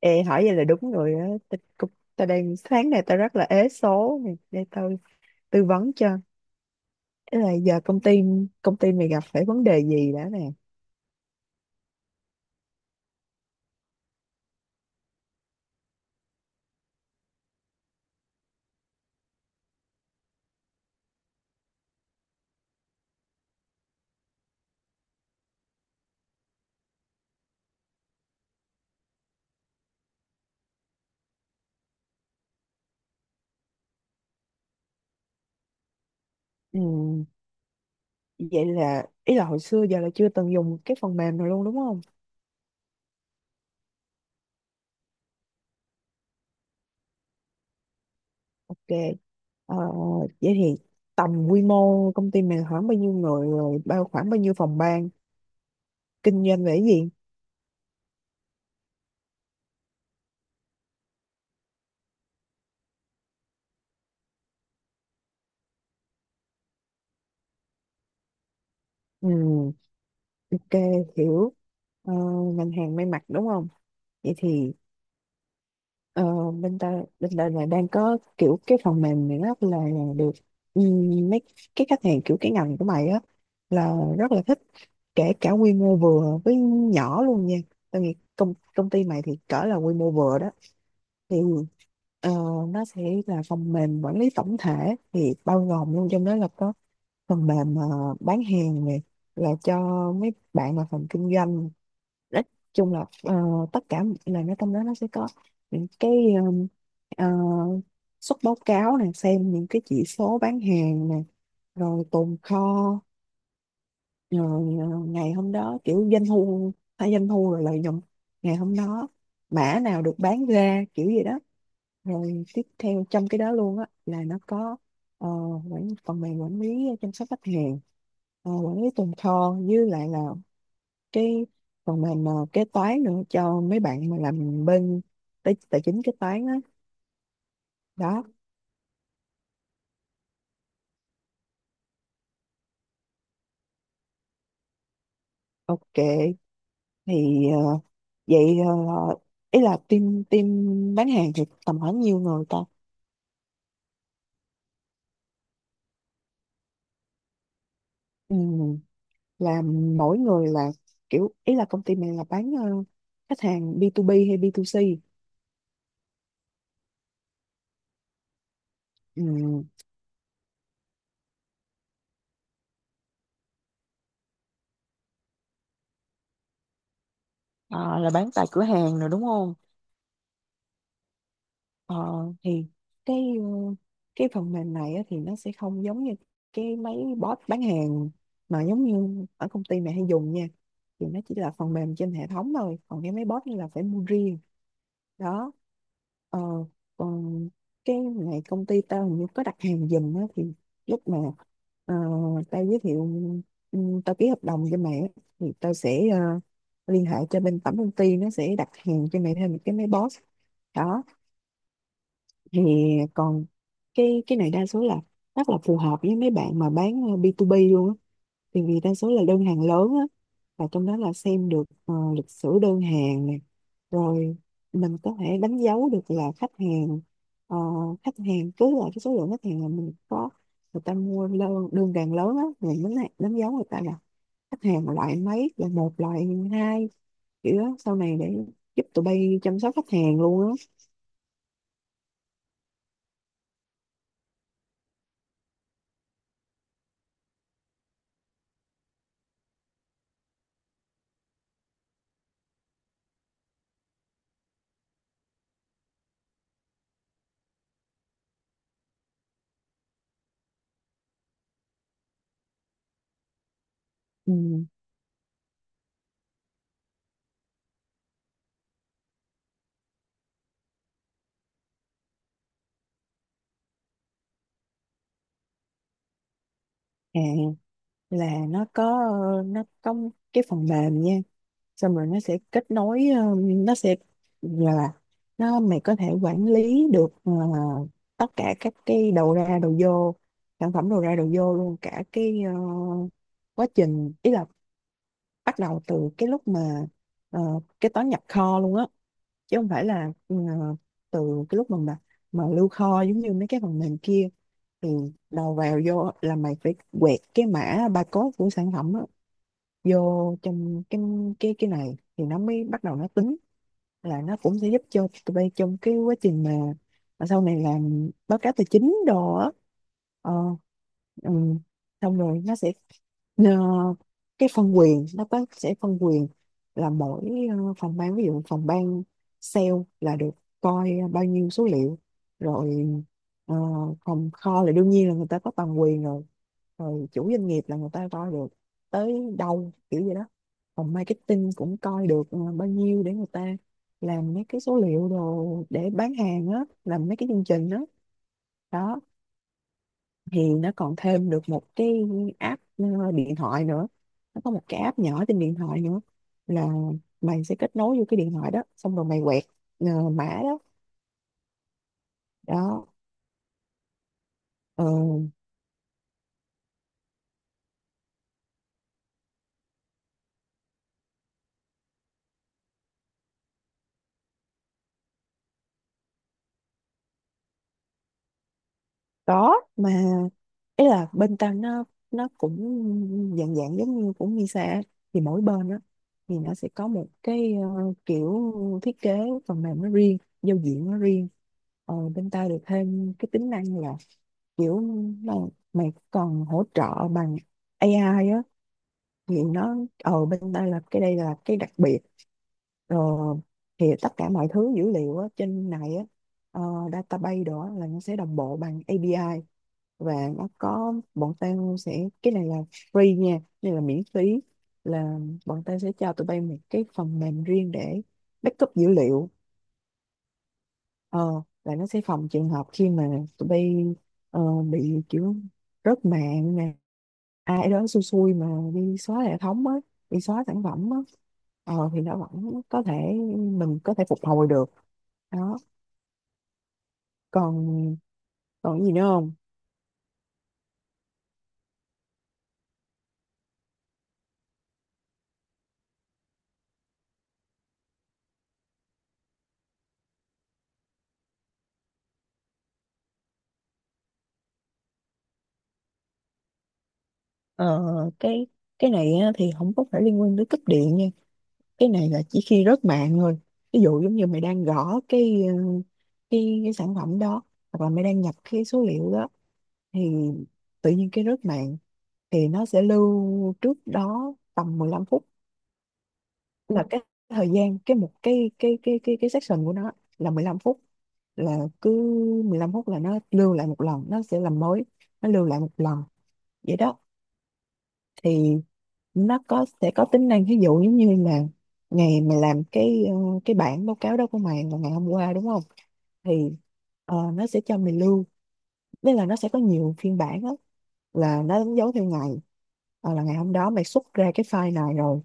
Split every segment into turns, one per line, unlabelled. Ê, hỏi vậy là đúng rồi á. Ta, cũng- ta đang Sáng nay ta rất là ế số nè, để tao tư vấn cho. Thế là giờ công ty mày gặp phải vấn đề gì đã nè? Ừ, vậy là ý là hồi xưa giờ là chưa từng dùng cái phần mềm nào luôn đúng không? Ok. Ờ, Vậy thì tầm quy mô công ty mình khoảng bao nhiêu người rồi khoảng bao nhiêu phòng ban kinh doanh về cái gì? Ừ, ok, hiểu. Ờ, Ngành hàng may mặc đúng không? Vậy thì, Ờ, bên ta là đang có kiểu cái phần mềm này rất là được. Mấy cái khách hàng kiểu cái ngành của mày á là rất là thích, kể cả quy mô vừa với nhỏ luôn nha. Tao nghĩ công công ty mày thì cỡ là quy mô vừa đó. Thì ờ, nó sẽ là phần mềm quản lý tổng thể, thì bao gồm luôn trong đó là có phần mềm bán hàng này là cho mấy bạn mà phần kinh doanh. Nói chung là tất cả là nó trong đó nó sẽ có những cái, um, ờ, xuất báo cáo này, xem những cái chỉ số bán hàng này, rồi tồn kho, rồi ngày hôm đó kiểu doanh thu, hay doanh thu rồi lợi nhuận ngày hôm đó, mã nào được bán ra kiểu gì đó. Rồi tiếp theo trong cái đó luôn á là nó có ờ, phần mềm quản lý chăm sóc khách hàng, quản lý tồn kho, với lại là cái phần mềm mà kế toán nữa cho mấy bạn mà làm bên tài chính kế toán á. Đó. Ok, thì ờ, vậy ý là team team bán hàng thì tầm khoảng nhiêu người ta. Ừ, là mỗi người là kiểu, ý là công ty mình là bán khách hàng B2B hay B2C. Ừ, ờ, là bán tại cửa hàng rồi đúng không. Ờ, thì cái ờ, cái phần mềm này á, thì nó sẽ không giống như cái mấy bot bán hàng mà giống như ở công ty mẹ hay dùng nha. Thì nó chỉ là phần mềm trên hệ thống thôi, còn cái mấy bot này là phải mua riêng. Đó. ờ, Còn cái này công ty tao hình như có đặt hàng giùm á, thì lúc mà ờ, tao giới thiệu, ừ, tao ký hợp đồng cho mẹ á, thì tao sẽ liên hệ cho bên tổng công ty, nó sẽ đặt hàng cho mẹ thêm một cái máy boss. Đó. Thì còn cái này đa số là rất là phù hợp với mấy bạn mà bán B2B luôn á, thì vì đa số là đơn hàng lớn á. Và trong đó là xem được lịch sử đơn hàng này, rồi mình có thể đánh dấu được là khách hàng. ờ, Khách hàng cứ là cái số lượng khách hàng là mình có, người ta mua đơn hàng lớn á, mình đánh dấu người ta là khách hàng loại mấy, là một loại hai kiểu đó, sau này để giúp tụi bay chăm sóc khách hàng luôn á. Ừ. À, là nó có cái phần mềm nha. Xong rồi nó sẽ kết nối, nó sẽ là nó, mày có thể quản lý được tất cả các cái đầu ra đầu vô, sản phẩm đầu ra đầu vô luôn, cả cái quá trình, ý là bắt đầu từ cái lúc mà ờ, kế toán nhập kho luôn á, chứ không phải là từ cái lúc mà lưu kho giống như mấy cái phần mềm kia. Thì đầu vào vô là mày phải quẹt cái mã barcode của sản phẩm á vô trong cái này thì nó mới bắt đầu nó tính. Là nó cũng sẽ giúp cho tụi bay trong cái quá trình mà sau này làm báo cáo tài chính đồ á. ờ, ừ. Xong rồi nó sẽ, Ờ, cái phân quyền nó sẽ phân quyền là mỗi phòng ban, ví dụ phòng ban sale là được coi bao nhiêu số liệu, rồi ờ, phòng kho là đương nhiên là người ta có toàn quyền rồi, rồi chủ doanh nghiệp là người ta coi được tới đâu kiểu vậy đó. Phòng marketing cũng coi được bao nhiêu để người ta làm mấy cái số liệu đồ để bán hàng á, làm mấy cái chương trình đó. Đó. Thì nó còn thêm được một cái app điện thoại nữa. Nó có một cái app nhỏ trên điện thoại nữa, là mày sẽ kết nối vô cái điện thoại đó, xong rồi mày quẹt mã đó. Đó. ờ, có mà, ý là bên tao nó cũng dạng dạng giống như cũng Misa á. Thì mỗi bên đó thì nó sẽ có một cái kiểu thiết kế phần mềm nó riêng, giao diện nó riêng. Bên tao được thêm cái tính năng là kiểu mà mày còn hỗ trợ bằng AI á. Thì nó bên đây là đây là cái đặc biệt rồi. Thì tất cả mọi thứ dữ liệu á, trên này á, ờ, database đó là nó sẽ đồng bộ bằng API. Và nó có bọn tao sẽ, cái này là free nha, đây là miễn phí. Là bọn tao sẽ cho tụi bay một cái phần mềm riêng để backup dữ liệu. Ờ là nó sẽ phòng trường hợp khi mà tụi bay bị kiểu rớt mạng nè, ai đó xui xui mà đi xóa hệ thống á, đi xóa sản phẩm á. Thì nó vẫn có thể, mình có thể phục hồi được. Đó. Còn còn cái gì nữa không? ờ, cái cái này á, thì không có phải liên quan tới cấp điện nha. Cái này là chỉ khi rớt mạng thôi. Ví dụ giống như mày đang gõ cái cái sản phẩm đó, hoặc là mày đang nhập cái số liệu đó, thì tự nhiên cái rớt mạng, thì nó sẽ lưu trước đó tầm 15 phút. Là cái thời gian cái một cái section của nó là 15 phút. Là cứ 15 phút là nó lưu lại một lần, nó sẽ làm mới, nó lưu lại một lần, vậy đó. Thì nó có sẽ có tính năng ví dụ giống như là ngày mày làm cái cái bản báo cáo đó của mày là ngày hôm qua đúng không. Thì nó sẽ cho mày lưu, nên là nó sẽ có nhiều phiên bản á, là nó đánh dấu theo ngày. Là ngày hôm đó mày xuất ra cái file này rồi,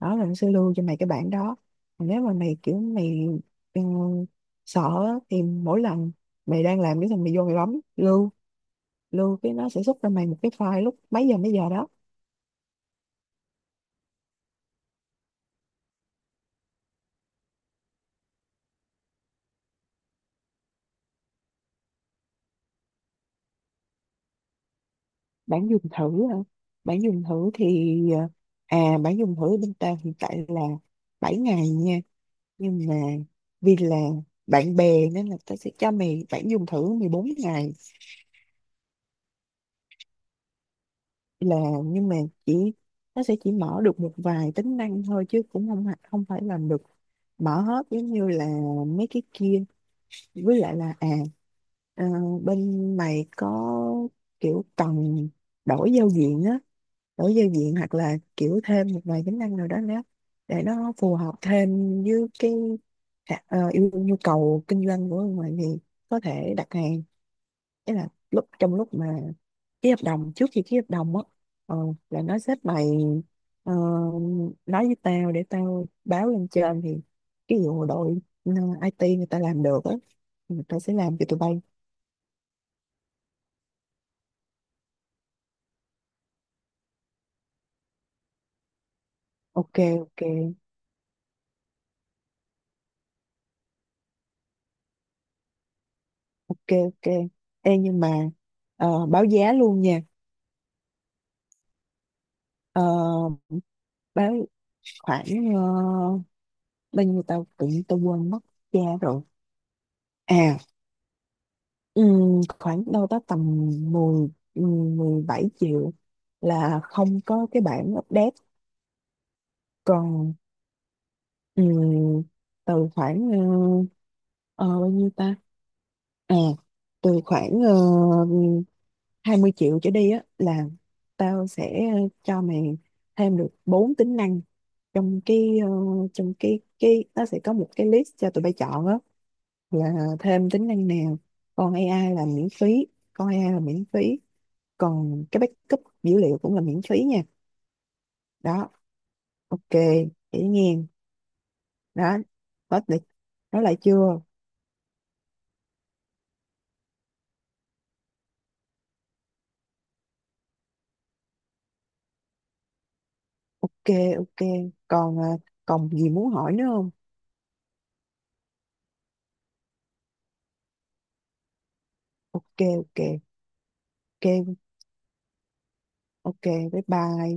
đó là nó sẽ lưu cho mày cái bản đó. Còn nếu mà mày kiểu mày ừ, sợ á, thì mỗi lần mày đang làm cái thằng mày vô mày bấm lưu lưu cái, nó sẽ xuất ra mày một cái file lúc mấy giờ đó. Bản dùng thử hả? Bản dùng thử thì bản dùng thử bên tao hiện tại là 7 ngày nha. Nhưng mà vì là bạn bè nên là tao sẽ cho mày bạn dùng thử 14 ngày. Là nhưng mà chỉ, nó sẽ chỉ mở được một vài tính năng thôi, chứ cũng không phải làm được mở hết giống như là mấy cái kia. Với lại là ờ, bên mày có kiểu cần đổi giao diện á, đổi giao diện hoặc là kiểu thêm một vài tính năng nào đó nữa để nó phù hợp thêm với cái khả- ờ, yêu nhu cầu kinh doanh của mày thì có thể đặt hàng. Tức là trong lúc mà ký hợp đồng, trước khi ký hợp đồng á, ờ, là nó xếp mày ờ, nói với tao để tao báo lên trên, thì cái vụ đội ừ, IT người ta làm được á. Ừ, tao sẽ làm cho tụi bay. Ok. Ok. Ok. Ok. Ê, nhưng mà báo giá luôn nha. Ờ, Báo khoảng ờ, bao nhiêu, tao tự nhiên tao quên mất giá rồi. À khoảng đâu đó tầm 10 17 triệu, là không có cái bản update. Còn ừm, từ khoảng ờ, bao nhiêu ta, à từ khoảng 20 triệu trở đi á là tao sẽ cho mày thêm được 4 tính năng, trong cái trong cái nó sẽ có một cái list cho tụi bay chọn á là thêm tính năng nào. Còn AI là miễn phí. Còn AI là miễn phí. Còn cái backup dữ liệu cũng là miễn phí nha. Đó. Ok. Dễ nghe. Đó. Hết lịch nói lại chưa. Ok. Ok. Còn còn gì muốn hỏi nữa không? Ok. Ok. Ok. Ok. Bye bye.